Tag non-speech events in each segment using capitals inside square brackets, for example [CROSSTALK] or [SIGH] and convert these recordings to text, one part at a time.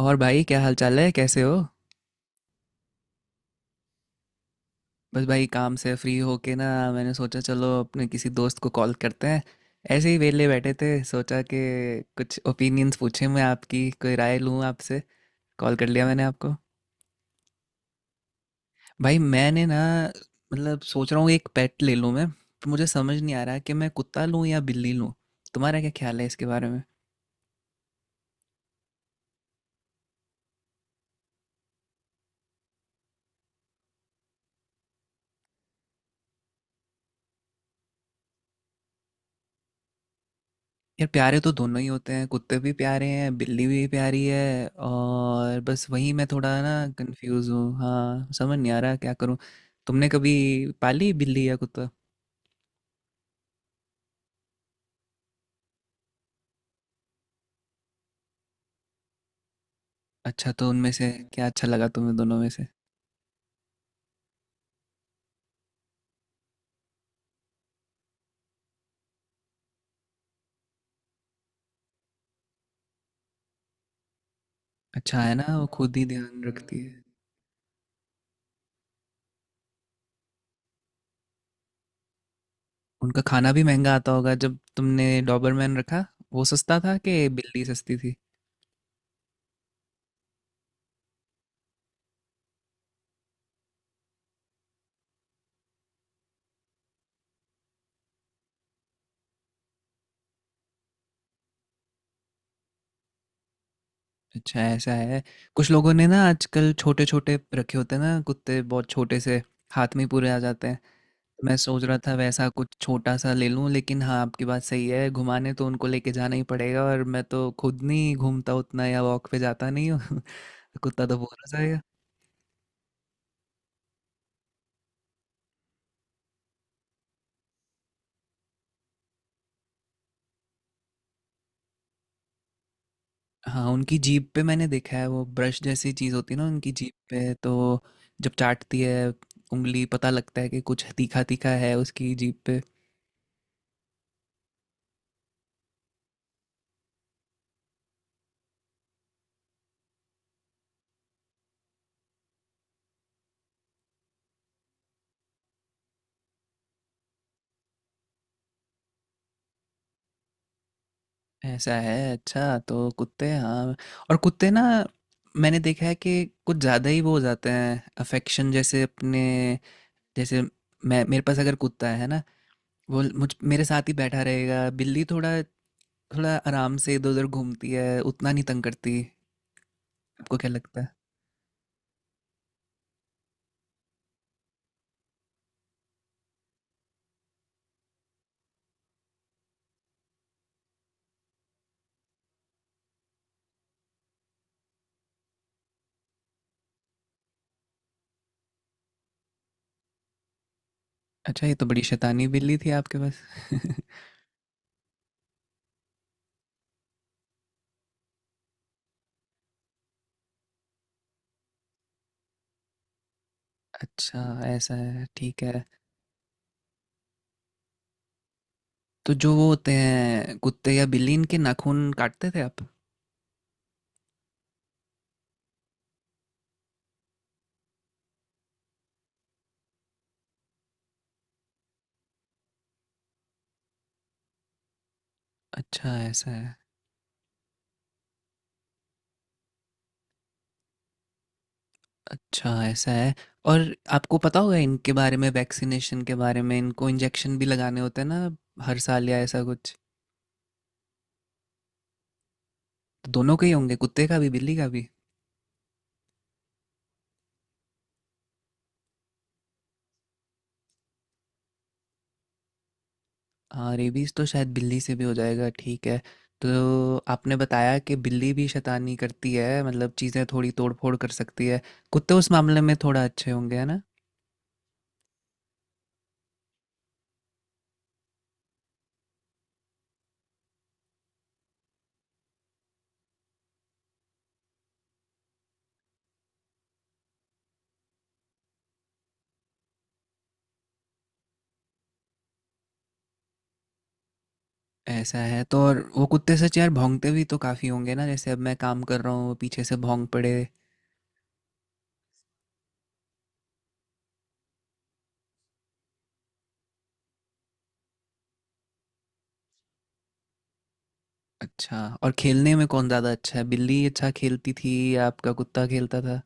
और भाई क्या हाल चाल है, कैसे हो। बस भाई काम से फ्री होके ना मैंने सोचा चलो अपने किसी दोस्त को कॉल करते हैं। ऐसे ही वेले बैठे थे, सोचा कि कुछ ओपिनियंस पूछे, मैं आपकी कोई राय लूँ आपसे, कॉल कर लिया मैंने आपको। भाई मैंने ना, मतलब सोच रहा हूँ एक पेट ले लूँ मैं, पर मुझे समझ नहीं आ रहा कि मैं कुत्ता लूँ या बिल्ली लूँ। तुम्हारा क्या ख्याल है इसके बारे में। यार प्यारे तो दोनों ही होते हैं, कुत्ते भी प्यारे हैं, बिल्ली भी प्यारी है, और बस वही मैं थोड़ा ना कंफ्यूज हूँ। हाँ, समझ नहीं आ रहा क्या करूँ। तुमने कभी पाली बिल्ली या कुत्ता। अच्छा, तो उनमें से क्या अच्छा लगा तुम्हें, दोनों में से। अच्छा है ना, वो खुद ही ध्यान रखती है। उनका खाना भी महंगा आता होगा, जब तुमने डॉबरमैन रखा, वो सस्ता था कि बिल्ली सस्ती थी। अच्छा, ऐसा है। कुछ लोगों ने ना आजकल छोटे छोटे रखे होते हैं ना, कुत्ते बहुत छोटे से, हाथ में ही पूरे आ जाते हैं। मैं सोच रहा था वैसा कुछ छोटा सा ले लूं, लेकिन हाँ आपकी बात सही है, घुमाने तो उनको लेके जाना ही पड़ेगा, और मैं तो खुद नहीं घूमता उतना, या वॉक पे जाता नहीं हूँ। [LAUGHS] कुत्ता तो बोर हो जाएगा। हाँ, उनकी जीभ पे मैंने देखा है वो ब्रश जैसी चीज़ होती है ना उनकी जीभ पे, तो जब चाटती है उंगली, पता लगता है कि कुछ तीखा तीखा है उसकी जीभ पे। ऐसा है। अच्छा तो कुत्ते, हाँ, और कुत्ते ना, मैंने देखा है कि कुछ ज़्यादा ही वो हो जाते हैं अफेक्शन, जैसे अपने, जैसे मैं, मेरे पास अगर कुत्ता है ना, वो मुझ मेरे साथ ही बैठा रहेगा। बिल्ली थोड़ा थोड़ा आराम से इधर उधर घूमती है, उतना नहीं तंग करती। आपको क्या लगता है। अच्छा, ये तो बड़ी शैतानी बिल्ली थी आपके पास। [LAUGHS] अच्छा, ऐसा है, ठीक है। तो जो वो होते हैं कुत्ते या बिल्ली, इनके नाखून काटते थे आप। अच्छा, ऐसा है। अच्छा, ऐसा है। और आपको पता होगा इनके बारे में, वैक्सीनेशन के बारे में, इनको इंजेक्शन भी लगाने होते हैं ना, हर साल या ऐसा कुछ। तो दोनों के ही होंगे, कुत्ते का भी बिल्ली का भी। हाँ, रेबीज तो शायद बिल्ली से भी हो जाएगा, ठीक है। तो आपने बताया कि बिल्ली भी शैतानी करती है, मतलब चीज़ें थोड़ी तोड़ फोड़ कर सकती है, कुत्ते उस मामले में थोड़ा अच्छे होंगे, है ना। ऐसा है, तो और वो कुत्ते सच यार भौंकते भी तो काफ़ी होंगे ना, जैसे अब मैं काम कर रहा हूँ वो पीछे से भौंक पड़े। अच्छा, और खेलने में कौन ज़्यादा अच्छा है, बिल्ली अच्छा खेलती थी या आपका कुत्ता खेलता था।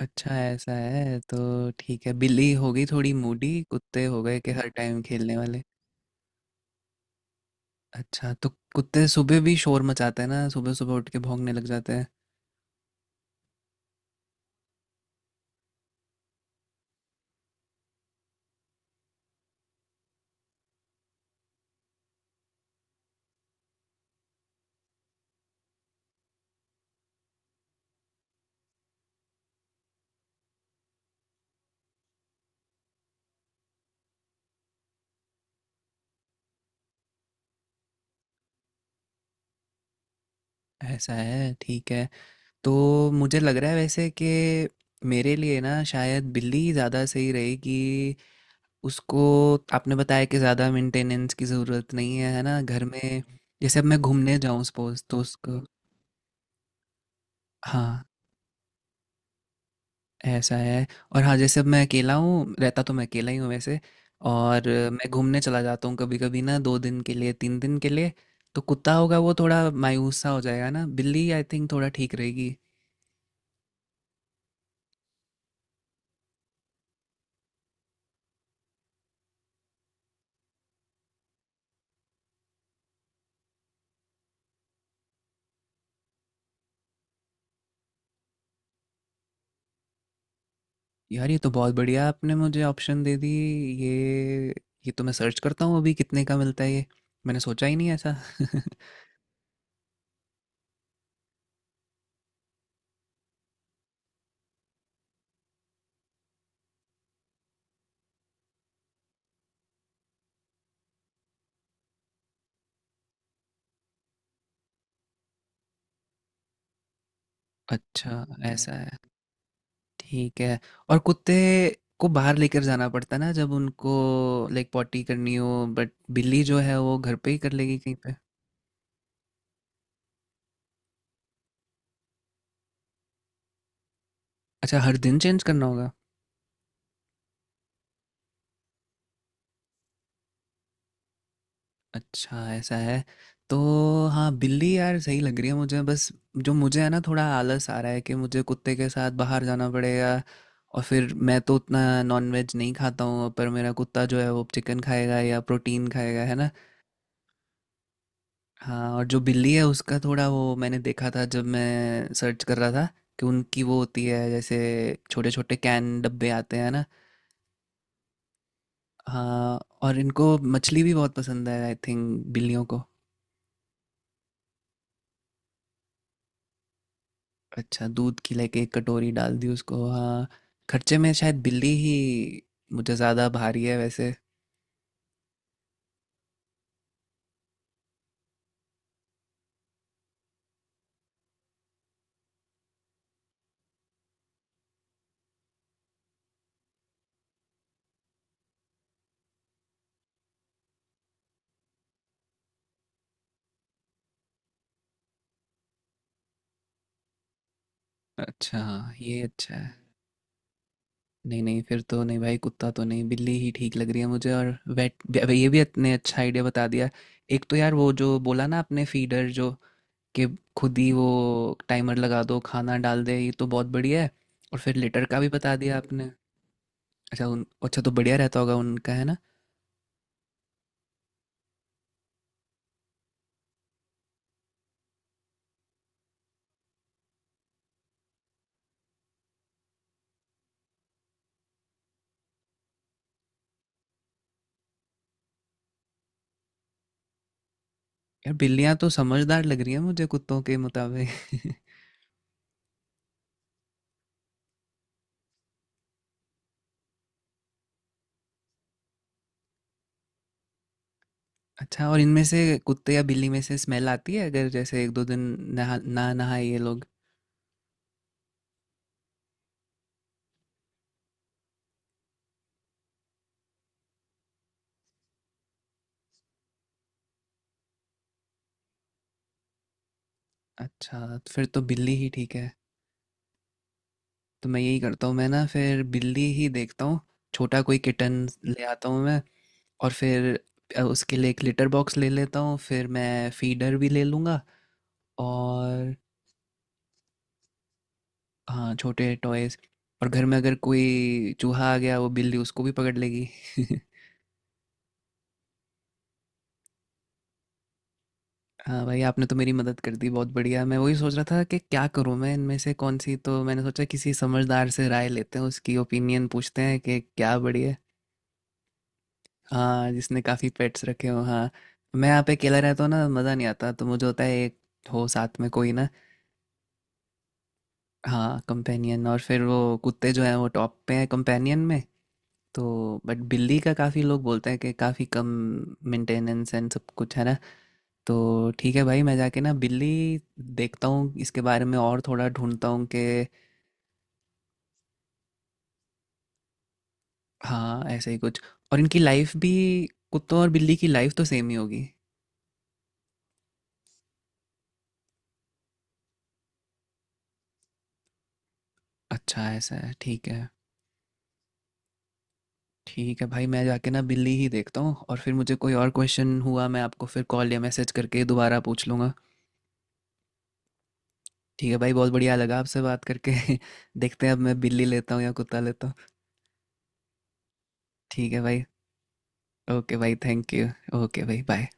अच्छा, ऐसा है तो, ठीक है, बिल्ली हो गई थोड़ी मूडी, कुत्ते हो गए कि हर टाइम खेलने वाले। अच्छा, तो कुत्ते सुबह भी शोर मचाते हैं ना, सुबह सुबह उठ के भौंकने लग जाते हैं। ऐसा है, ठीक है। तो मुझे लग रहा है वैसे कि मेरे लिए ना शायद बिल्ली ज़्यादा सही रहेगी, उसको, आपने बताया कि ज़्यादा मेंटेनेंस की ज़रूरत नहीं है, है ना, घर में। जैसे अब मैं घूमने जाऊँ, सपोज, तो उसको। हाँ, ऐसा है। और हाँ जैसे अब मैं अकेला हूँ, रहता तो मैं अकेला ही हूँ वैसे, और मैं घूमने चला जाता हूँ कभी कभी ना, दो दिन के लिए, तीन दिन के लिए। तो कुत्ता होगा वो थोड़ा मायूस सा हो जाएगा ना, बिल्ली आई थिंक थोड़ा ठीक रहेगी। यार ये तो बहुत बढ़िया आपने मुझे ऑप्शन दे दी, ये ये तो मैं सर्च करता हूँ अभी कितने का मिलता है ये, मैंने सोचा ही नहीं ऐसा। [LAUGHS] अच्छा, ऐसा है, ठीक है। और कुत्ते को बाहर लेकर जाना पड़ता है ना, जब उनको लाइक पॉटी करनी हो, बट बिल्ली जो है वो घर पे ही कर लेगी कहीं पे। अच्छा, हर दिन चेंज करना होगा। अच्छा, ऐसा है। तो हाँ, बिल्ली यार सही लग रही है मुझे, बस जो मुझे है ना थोड़ा आलस आ रहा है कि मुझे कुत्ते के साथ बाहर जाना पड़ेगा, और फिर मैं तो उतना नॉनवेज नहीं खाता हूँ, पर मेरा कुत्ता जो है वो चिकन खाएगा या प्रोटीन खाएगा, है ना। हाँ, और जो बिल्ली है उसका थोड़ा वो, मैंने देखा था जब मैं सर्च कर रहा था कि उनकी वो होती है जैसे छोटे छोटे कैन डब्बे आते हैं ना। हाँ, और इनको मछली भी बहुत पसंद है आई थिंक, बिल्लियों को। अच्छा, दूध की लाइक एक कटोरी डाल दी उसको, हाँ। खर्चे में शायद बिल्ली ही मुझे ज़्यादा भारी है वैसे। अच्छा, हाँ, ये अच्छा है। नहीं नहीं, फिर तो नहीं भाई, कुत्ता तो नहीं, बिल्ली ही ठीक लग रही है मुझे। और वेट, ये भी इतने अच्छा आइडिया बता दिया। एक तो यार वो जो बोला ना आपने फीडर जो कि खुद ही वो टाइमर लगा दो, खाना डाल दे, ये तो बहुत बढ़िया है। और फिर लिटर का भी बता दिया आपने। अच्छा, उन, अच्छा तो बढ़िया रहता होगा उनका, है ना। यार बिल्लियाँ तो समझदार लग रही है मुझे कुत्तों के मुताबिक। [LAUGHS] अच्छा, और इनमें से कुत्ते या बिल्ली में से स्मेल आती है अगर जैसे एक दो दिन नहा ना नहाए ये लोग। अच्छा, तो फिर तो बिल्ली ही ठीक है। तो मैं यही करता हूँ, मैं ना फिर बिल्ली ही देखता हूँ, छोटा कोई किटन ले आता हूँ मैं। और फिर उसके लिए एक लिटर बॉक्स ले लेता हूँ, फिर मैं फीडर भी ले लूँगा। और हाँ छोटे टॉयज। और घर में अगर कोई चूहा आ गया वो बिल्ली उसको भी पकड़ लेगी। [LAUGHS] हाँ भाई, आपने तो मेरी मदद कर दी, बहुत बढ़िया। मैं वही सोच रहा था कि क्या करूँ मैं इनमें से कौन सी, तो मैंने सोचा किसी समझदार से राय लेते हैं, उसकी ओपिनियन पूछते हैं कि क्या बढ़िया। हाँ, जिसने काफ़ी पेट्स रखे हो, हाँ। मैं यहाँ पे अकेला रहता हूँ ना, मज़ा नहीं आता, तो मुझे होता है एक हो साथ में कोई ना। हाँ, कंपेनियन, और फिर वो कुत्ते जो हैं वो टॉप पे हैं कंपेनियन में। तो बट बिल्ली का काफ़ी लोग बोलते हैं कि काफ़ी कम मेंटेनेंस एंड सब कुछ, है ना। तो ठीक है भाई, मैं जाके ना बिल्ली देखता हूँ इसके बारे में, और थोड़ा ढूंढता हूँ कि। हाँ ऐसे ही कुछ। और इनकी लाइफ भी, कुत्तों और बिल्ली की लाइफ तो सेम ही होगी। अच्छा, ऐसा है, ठीक है। ठीक है भाई, मैं जाके ना बिल्ली ही देखता हूँ, और फिर मुझे कोई और क्वेश्चन हुआ मैं आपको फिर कॉल या मैसेज करके दोबारा पूछ लूँगा। ठीक है भाई, बहुत बढ़िया लगा आपसे बात करके। [LAUGHS] देखते हैं अब मैं बिल्ली लेता हूँ या कुत्ता लेता हूँ। ठीक है भाई, ओके भाई थैंक यू। ओके भाई बाय।